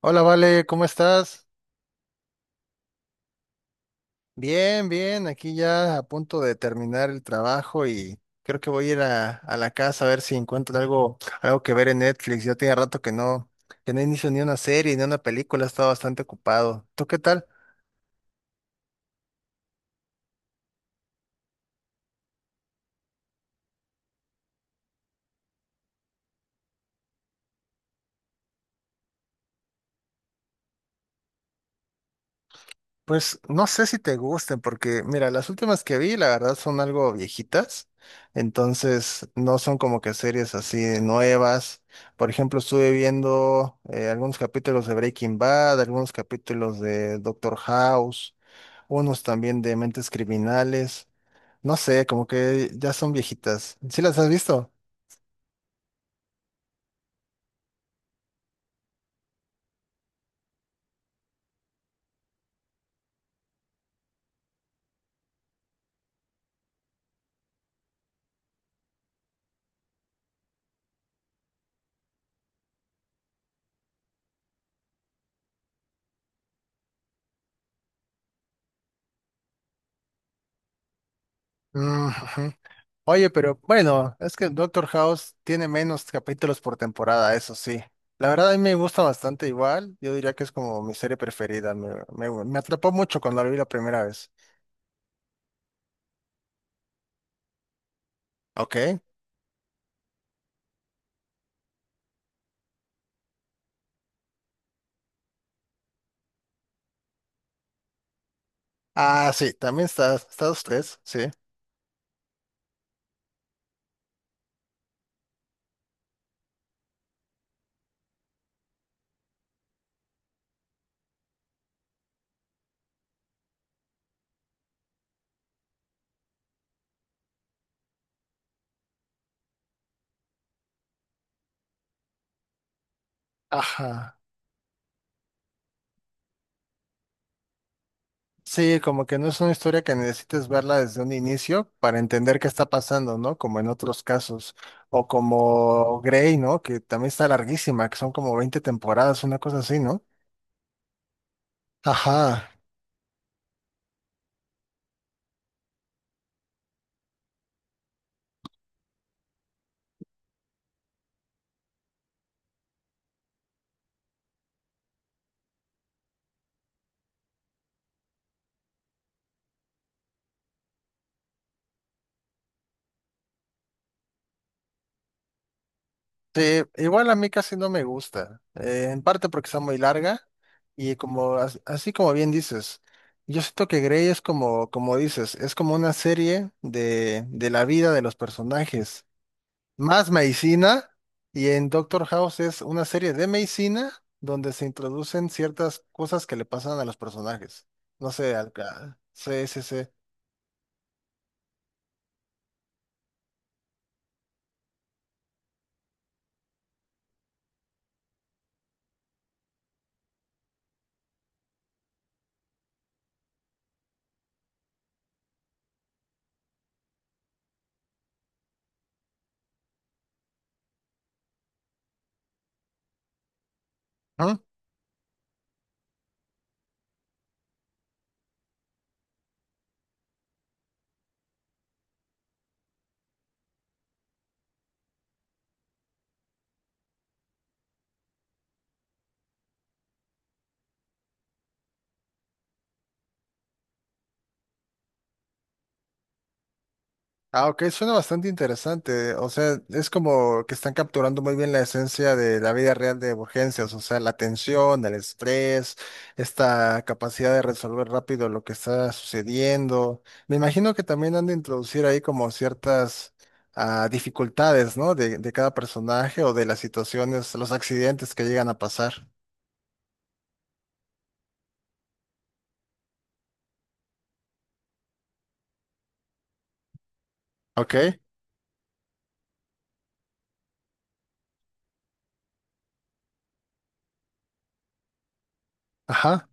Hola, Vale, ¿cómo estás? Bien, bien, aquí ya a punto de terminar el trabajo y creo que voy a ir a la casa a ver si encuentro algo que ver en Netflix. Ya tiene rato que no inicio ni una serie ni una película, he estado bastante ocupado. ¿Tú qué tal? Pues no sé si te gusten, porque mira, las últimas que vi, la verdad, son algo viejitas, entonces no son como que series así nuevas. Por ejemplo, estuve viendo algunos capítulos de Breaking Bad, algunos capítulos de Doctor House, unos también de Mentes Criminales. No sé, como que ya son viejitas. ¿Sí las has visto? Mm, ujú. Oye, pero bueno, es que Doctor House tiene menos capítulos por temporada, eso sí. La verdad a mí me gusta bastante igual, yo diría que es como mi serie preferida, me atrapó mucho cuando la vi la primera vez. ¿Ok? Ah, sí, también está, usted, sí. Ajá. Sí, como que no es una historia que necesites verla desde un inicio para entender qué está pasando, ¿no? Como en otros casos. O como Grey, ¿no? Que también está larguísima, que son como 20 temporadas, una cosa así, ¿no? Ajá. Sí, igual a mí casi no me gusta, en parte porque está muy larga y como así como bien dices, yo siento que Grey es como dices, es como una serie de la vida de los personajes, más medicina y en Doctor House es una serie de medicina donde se introducen ciertas cosas que le pasan a los personajes. No sé, sí, sí, sí. ¿Mm? Ah, ok, suena bastante interesante. O sea, es como que están capturando muy bien la esencia de la vida real de urgencias, o sea, la tensión, el estrés, esta capacidad de resolver rápido lo que está sucediendo. Me imagino que también han de introducir ahí como ciertas dificultades, ¿no? De cada personaje o de las situaciones, los accidentes que llegan a pasar. Ok, ajá,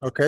ok.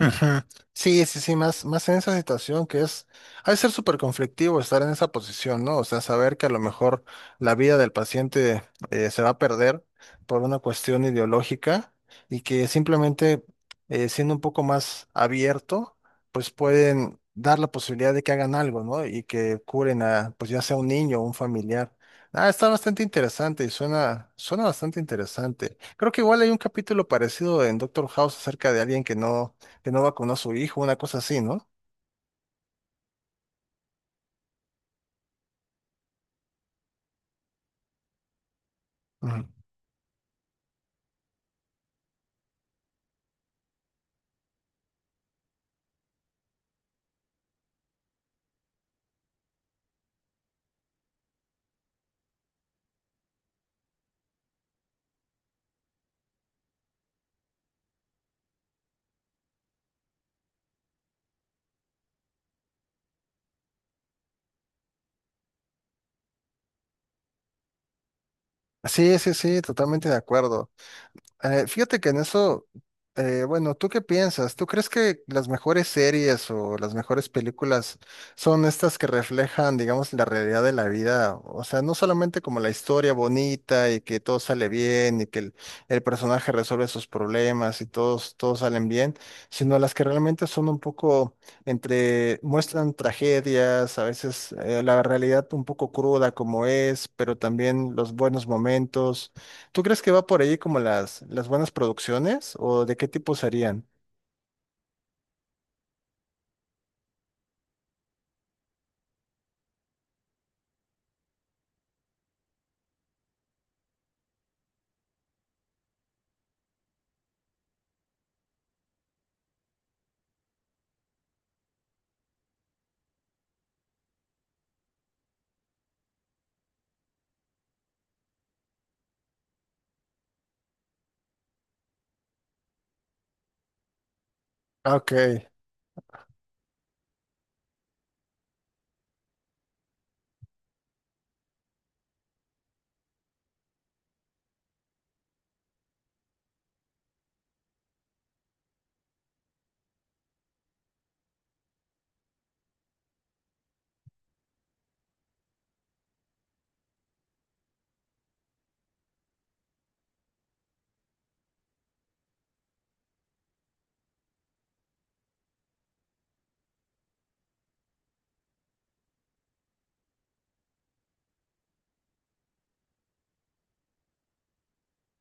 Ujú. Sí, sí, sí, más en esa situación que es, ha de ser súper conflictivo estar en esa posición, ¿no? O sea, saber que a lo mejor la vida del paciente se va a perder por una cuestión ideológica y que simplemente siendo un poco más abierto, pues pueden dar la posibilidad de que hagan algo, ¿no? Y que curen a, pues ya sea un niño o un familiar. Ah, está bastante interesante y suena, suena bastante interesante. Creo que igual hay un capítulo parecido en Doctor House acerca de alguien que no vacunó a su hijo, una cosa así, ¿no? Ujú. Sí, sí, sí, totalmente de acuerdo. Fíjate que en eso, bueno, ¿tú qué piensas? ¿Tú crees que las mejores series o las mejores películas son estas que reflejan, digamos, la realidad de la vida? O sea, no solamente como la historia bonita y que todo sale bien y que el personaje resuelve sus problemas y todos salen bien, sino las que realmente son un poco entre, muestran tragedias, a veces la realidad un poco cruda como es, pero también los buenos momentos. ¿Tú crees que va por ahí como las buenas producciones o de qué tipo serían? Ah, ok.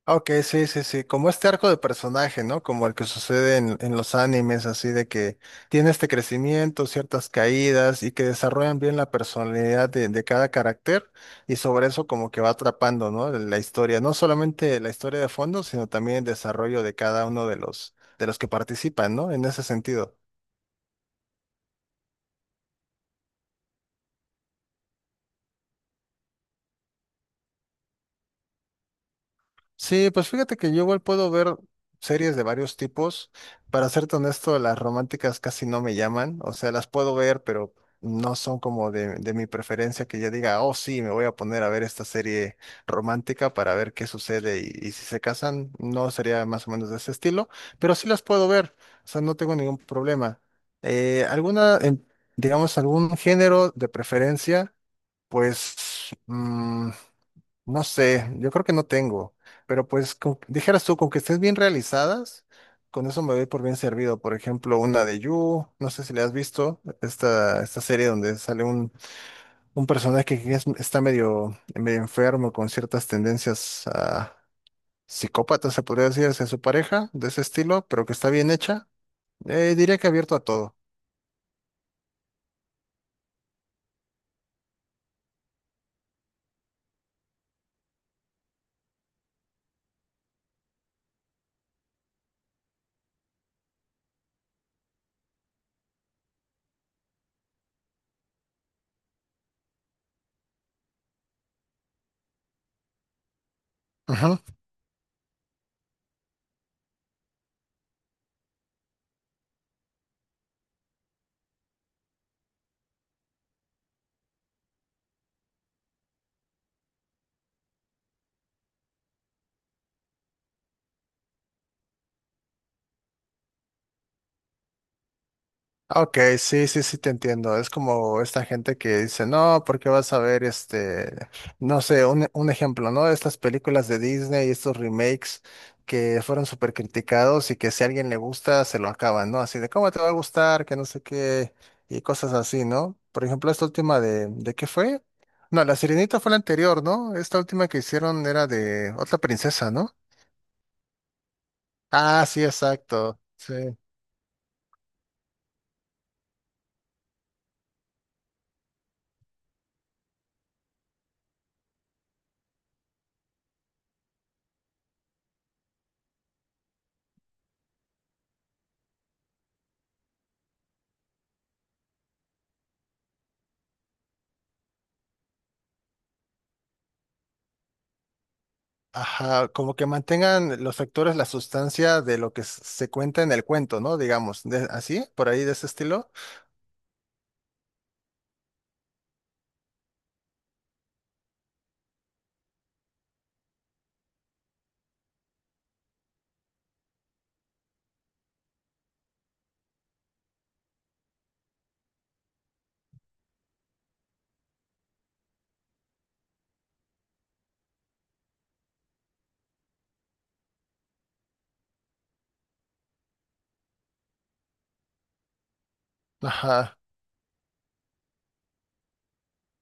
Ah, ok, sí, sí, sí, como este arco de personaje, ¿no? Como el que sucede en los animes, así de que tiene este crecimiento, ciertas caídas y que desarrollan bien la personalidad de cada carácter y sobre eso como que va atrapando, ¿no? La historia, no solamente la historia de fondo, sino también el desarrollo de cada uno de los que participan, ¿no? En ese sentido. Sí, pues fíjate que yo igual puedo ver series de varios tipos. Para serte honesto, las románticas casi no me llaman. O sea, las puedo ver, pero no son como de mi preferencia que yo diga, oh sí, me voy a poner a ver esta serie romántica para ver qué sucede y si se casan. No sería más o menos de ese estilo, pero sí las puedo ver. O sea, no tengo ningún problema. Alguna, digamos, algún género de preferencia, pues no sé, yo creo que no tengo, pero pues dijeras tú, con que estés bien realizadas, con eso me doy por bien servido. Por ejemplo, una de You, no sé si le has visto, esta serie donde sale un personaje que está medio enfermo con ciertas tendencias psicópatas, se podría decir, hacia su pareja, de ese estilo, pero que está bien hecha. Diría que abierto a todo. Ok, sí, sí, sí te entiendo. Es como esta gente que dice, no, porque vas a ver este, no sé, un ejemplo, ¿no? Estas películas de Disney, estos remakes que fueron súper criticados y que si a alguien le gusta, se lo acaban, ¿no? Así de, ¿cómo te va a gustar? Que no sé qué, y cosas así, ¿no? Por ejemplo, esta última ¿de qué fue? No, La Sirenita fue la anterior, ¿no? Esta última que hicieron era de otra princesa, ¿no? Ah, sí, exacto. Sí. Ajá, como que mantengan los actores la sustancia de lo que se cuenta en el cuento, ¿no? Digamos, así, por ahí de ese estilo. Ajá,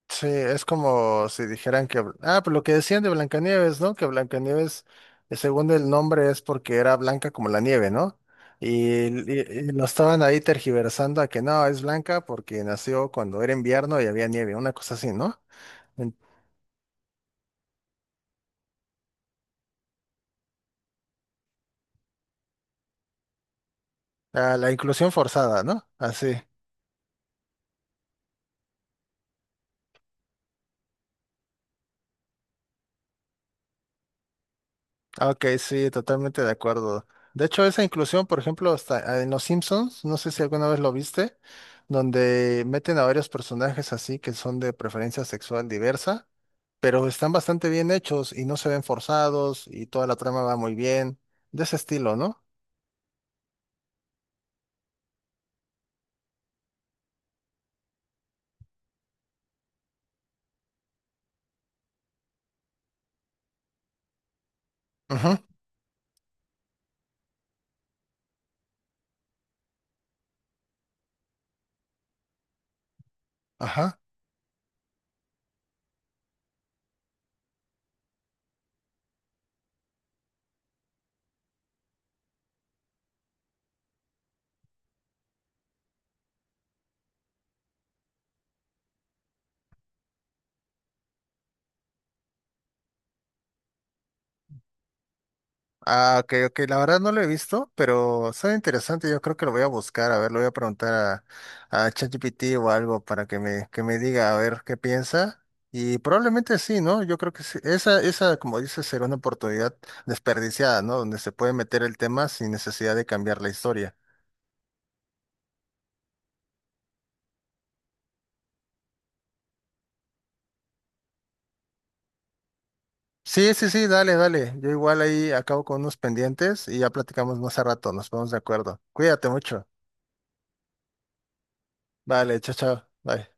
sí, es como si dijeran que, ah, pues lo que decían de Blancanieves, ¿no? Que Blancanieves, según el nombre, es porque era blanca como la nieve, ¿no? Y, y- y lo estaban ahí tergiversando a que no, es blanca porque nació cuando era invierno y había nieve, una cosa así, ¿no? En- la inclusión forzada, ¿no? Así. Ah, ok, sí, totalmente de acuerdo. De hecho, esa inclusión, por ejemplo, hasta en Los Simpsons, no sé si alguna vez lo viste, donde meten a varios personajes así que son de preferencia sexual diversa, pero están bastante bien hechos y no se ven forzados y toda la trama va muy bien, de ese estilo, ¿no? Ujú. Ajá. Ah, ok, ok, la verdad no lo he visto, pero suena interesante, yo creo que lo voy a buscar, a ver, lo voy a preguntar a ChatGPT o algo para que me diga a ver qué piensa. Y probablemente sí, ¿no? Yo creo que sí. Esa, como dices, será una oportunidad desperdiciada, ¿no? Donde se puede meter el tema sin necesidad de cambiar la historia. Sí, sí, sí, dale, dale. Yo igual ahí acabo con unos pendientes y ya platicamos más a rato, nos ponemos de acuerdo. Cuídate mucho. Vale, chao, chao. Bye.